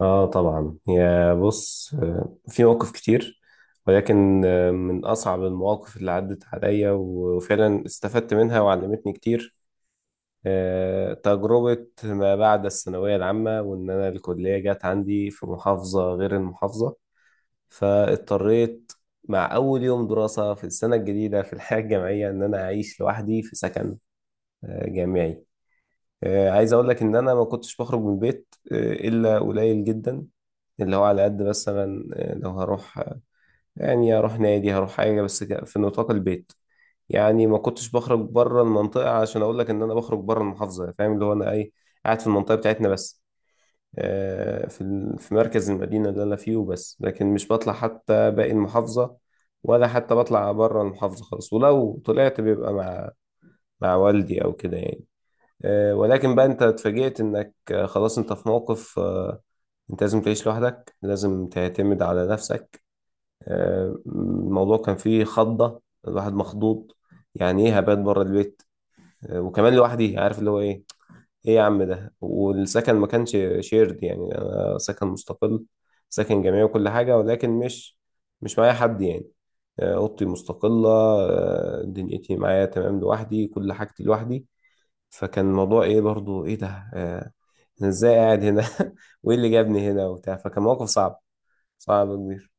اه، طبعا، يا بص، في مواقف كتير. ولكن من اصعب المواقف اللي عدت عليا وفعلا استفدت منها وعلمتني كتير، تجربة ما بعد الثانوية العامة، وان انا الكلية جت عندي في محافظة غير المحافظة، فاضطريت مع اول يوم دراسة في السنة الجديدة في الحياة الجامعية ان انا اعيش لوحدي في سكن جامعي. عايز اقول لك ان انا ما كنتش بخرج من البيت الا قليل جدا، اللي هو على قد مثلا لو هروح، يعني هروح نادي، هروح حاجة، بس في نطاق البيت. يعني ما كنتش بخرج بره المنطقة، عشان أقول لك إن أنا بخرج بره المحافظة. فاهم اللي هو أنا إيه؟ قاعد في المنطقة بتاعتنا بس، في في مركز المدينة اللي أنا فيه وبس، لكن مش بطلع حتى باقي المحافظة، ولا حتى بطلع بره المحافظة خالص، ولو طلعت بيبقى مع والدي أو كده يعني. ولكن بقى أنت اتفاجئت إنك خلاص أنت في موقف، انت لازم تعيش لوحدك، لازم تعتمد على نفسك. الموضوع كان فيه خضة، الواحد مخضوض. يعني ايه هبات بره البيت وكمان لوحدي؟ عارف اللي هو ايه؟ ايه يا عم ده، والسكن ما كانش شيرد، يعني انا سكن مستقل، سكن جامعي وكل حاجة، ولكن مش معايا حد يعني. اوضتي مستقلة، دنيتي معايا تمام لوحدي، كل حاجتي لوحدي. فكان الموضوع ايه برضو؟ ايه ده، آه، انا ازاي قاعد هنا وايه اللي جابني هنا وبتاع. فكان موقف صعب، صعب كبير.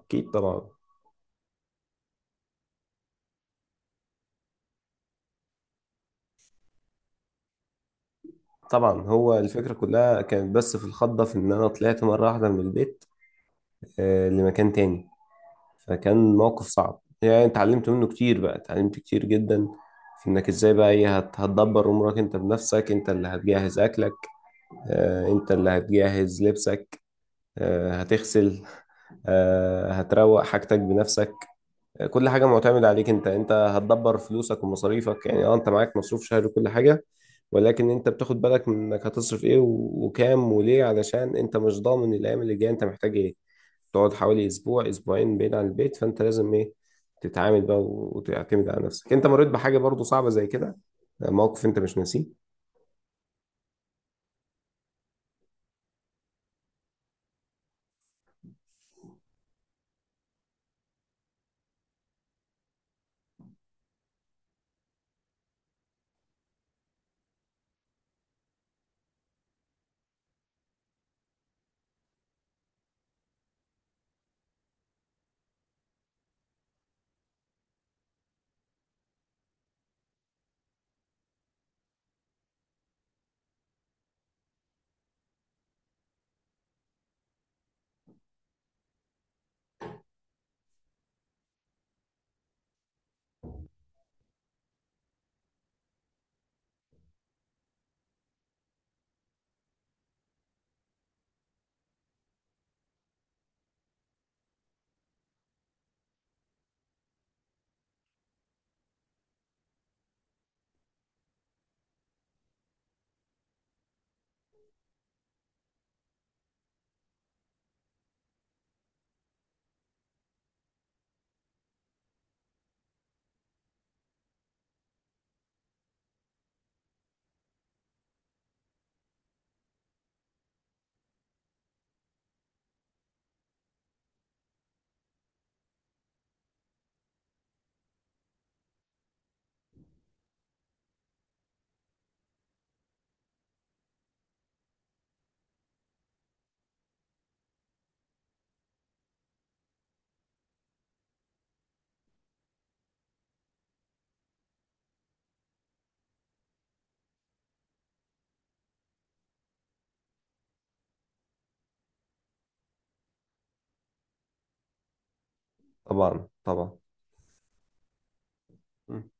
اكيد، طبعا. طبعا هو الفكرة كلها كانت بس في الخضة، في إن أنا طلعت مرة واحدة من البيت لمكان تاني. فكان موقف صعب يعني اتعلمت منه كتير، بقى اتعلمت كتير جدا في إنك إزاي بقى إيه هتدبر أمورك أنت بنفسك. أنت اللي هتجهز أكلك، أنت اللي هتجهز لبسك، هتغسل، هتروق حاجتك بنفسك. كل حاجة معتمد عليك انت. هتدبر فلوسك ومصاريفك. يعني اه، انت معاك مصروف شهري وكل حاجة، ولكن انت بتاخد بالك من انك هتصرف ايه وكام وليه، علشان انت مش ضامن الايام اللي جاية انت محتاج ايه. تقعد حوالي اسبوع اسبوعين بعيد عن البيت، فانت لازم ايه، تتعامل بقى وتعتمد على نفسك. انت مريت بحاجة برضو صعبة زي كده، موقف انت مش ناسيه. طبعا، طبعا. مم.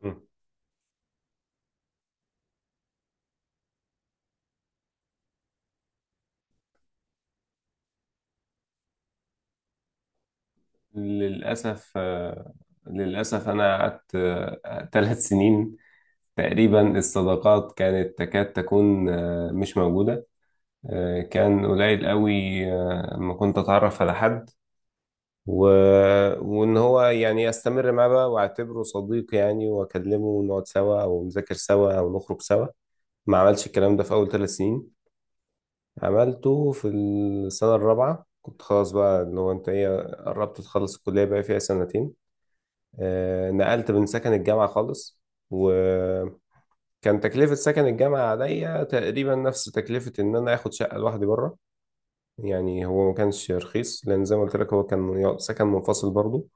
مم. للأسف آه، للأسف أنا قعدت 3 سنين تقريبا، الصداقات كانت تكاد تكون مش موجودة. كان قليل قوي، ما كنت أتعرف على حد و... وإن هو يعني أستمر معاه بقى وأعتبره صديق يعني وأكلمه ونقعد سوا أو نذاكر سوا أو نخرج سوا. ما عملش الكلام ده في أول 3 سنين، عملته في السنة الرابعة. كنت خلاص بقى اللي هو أنت إيه، قربت تخلص الكلية، بقى فيها سنتين. نقلت من سكن الجامعة خالص، و كان تكلفة سكن الجامعة عليا تقريبا نفس تكلفة إن أنا آخد شقة لوحدي بره. يعني هو ما كانش رخيص، لأن زي ما قلت لك هو كان سكن منفصل برضه.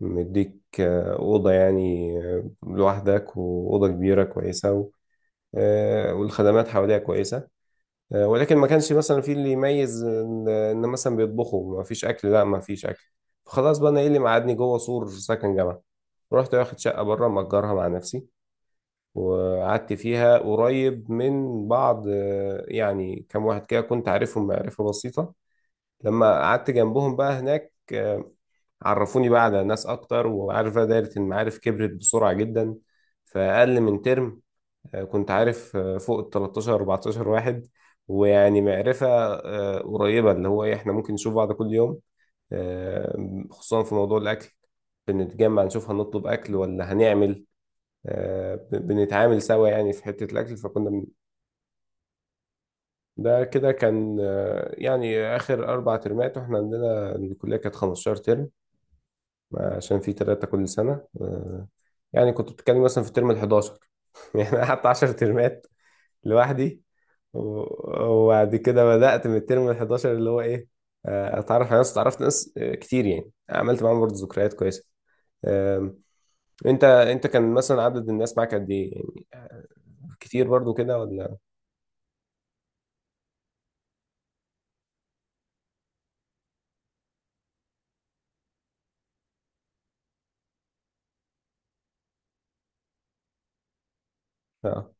مديك أوضة يعني لوحدك، وأوضة كبيرة كويسة والخدمات حواليها كويسة. ولكن ما كانش مثلا في اللي يميز إن مثلا بيطبخوا، ما فيش أكل، لا ما فيش أكل. فخلاص بقى أنا إيه اللي مقعدني جوه سور سكن جامعة؟ رحت واخد شقة بره مأجرها مع نفسي، وقعدت فيها قريب من بعض. يعني كام واحد كده كنت عارفهم معرفة بسيطة، لما قعدت جنبهم بقى هناك عرفوني بقى على ناس أكتر، وعارف بقى دايرة المعارف كبرت بسرعة جدا. فأقل من ترم كنت عارف فوق ال 13 14 واحد. ويعني معرفة قريبة، اللي هو إيه، إحنا ممكن نشوف بعض كل يوم. خصوصا في موضوع الأكل، بنتجمع نشوف هنطلب أكل ولا هنعمل. بنتعامل سوا يعني في حتة الأكل، فكنا ده كده كان يعني آخر 4 ترمات، وإحنا عندنا الكلية كانت 15 ترم، عشان في تلاتة كل سنة. يعني كنت بتتكلم مثلا في الترم ال 11 يعني أنا قعدت 10 ترمات لوحدي. وبعد كده بدأت من الترم ال 11 اللي هو إيه، أتعرف على ناس. اتعرفت ناس كتير يعني، عملت معاهم برضه ذكريات كويسة. آم، أنت، كان مثلا عدد الناس معاك قد إيه يعني، كتير برضه كده ولا؟ آه.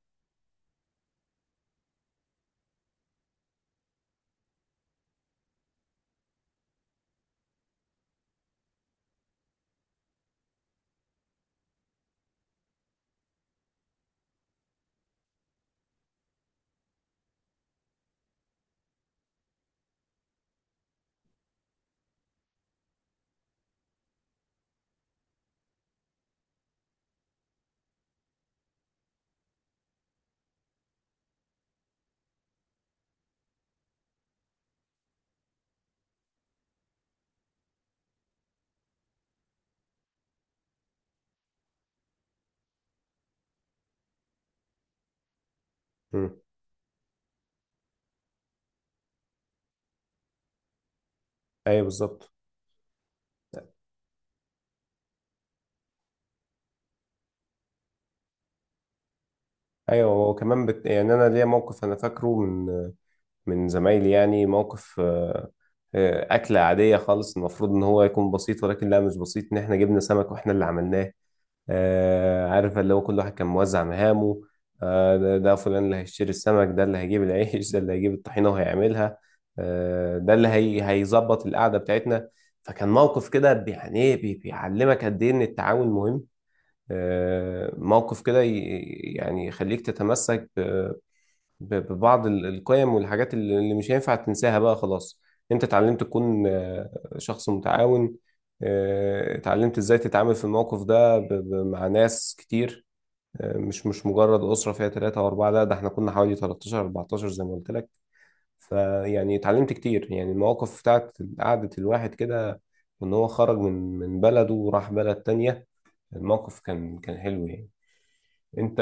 مم. ايوه بالظبط. ايوه وكمان يعني انا ليا موقف انا فاكره من زمايلي، يعني موقف اكله عاديه خالص، المفروض ان هو يكون بسيط ولكن لا مش بسيط، ان احنا جبنا سمك واحنا اللي عملناه. عارف اللي هو كل واحد كان موزع مهامه. ده فلان اللي هيشتري السمك، ده اللي هيجيب العيش، ده اللي هيجيب الطحينه وهيعملها. ده اللي هيظبط القعده بتاعتنا. فكان موقف كده يعني ايه بيعلمك قد ايه ان التعاون مهم. موقف كده يعني يخليك تتمسك ببعض القيم والحاجات اللي مش هينفع تنساها بقى خلاص. انت اتعلمت تكون شخص متعاون. اتعلمت ازاي تتعامل في الموقف ده مع ناس كتير. مش مجرد أسرة فيها 3 أو 4، لا ده احنا كنا حوالي 13 14 زي ما قلت لك. فيعني اتعلمت كتير يعني المواقف بتاعت قعدة الواحد كده، وإن هو خرج من بلده وراح بلد تانية. الموقف كان حلو يعني. انت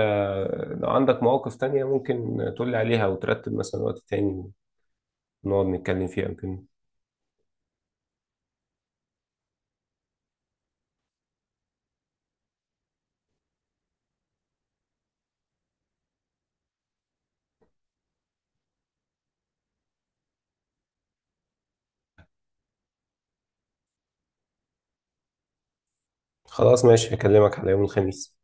لو عندك مواقف تانية ممكن تقولي عليها وترتب مثلا وقت تاني ونقعد نتكلم فيها يمكن. خلاص ماشي، هكلمك على يوم الخميس.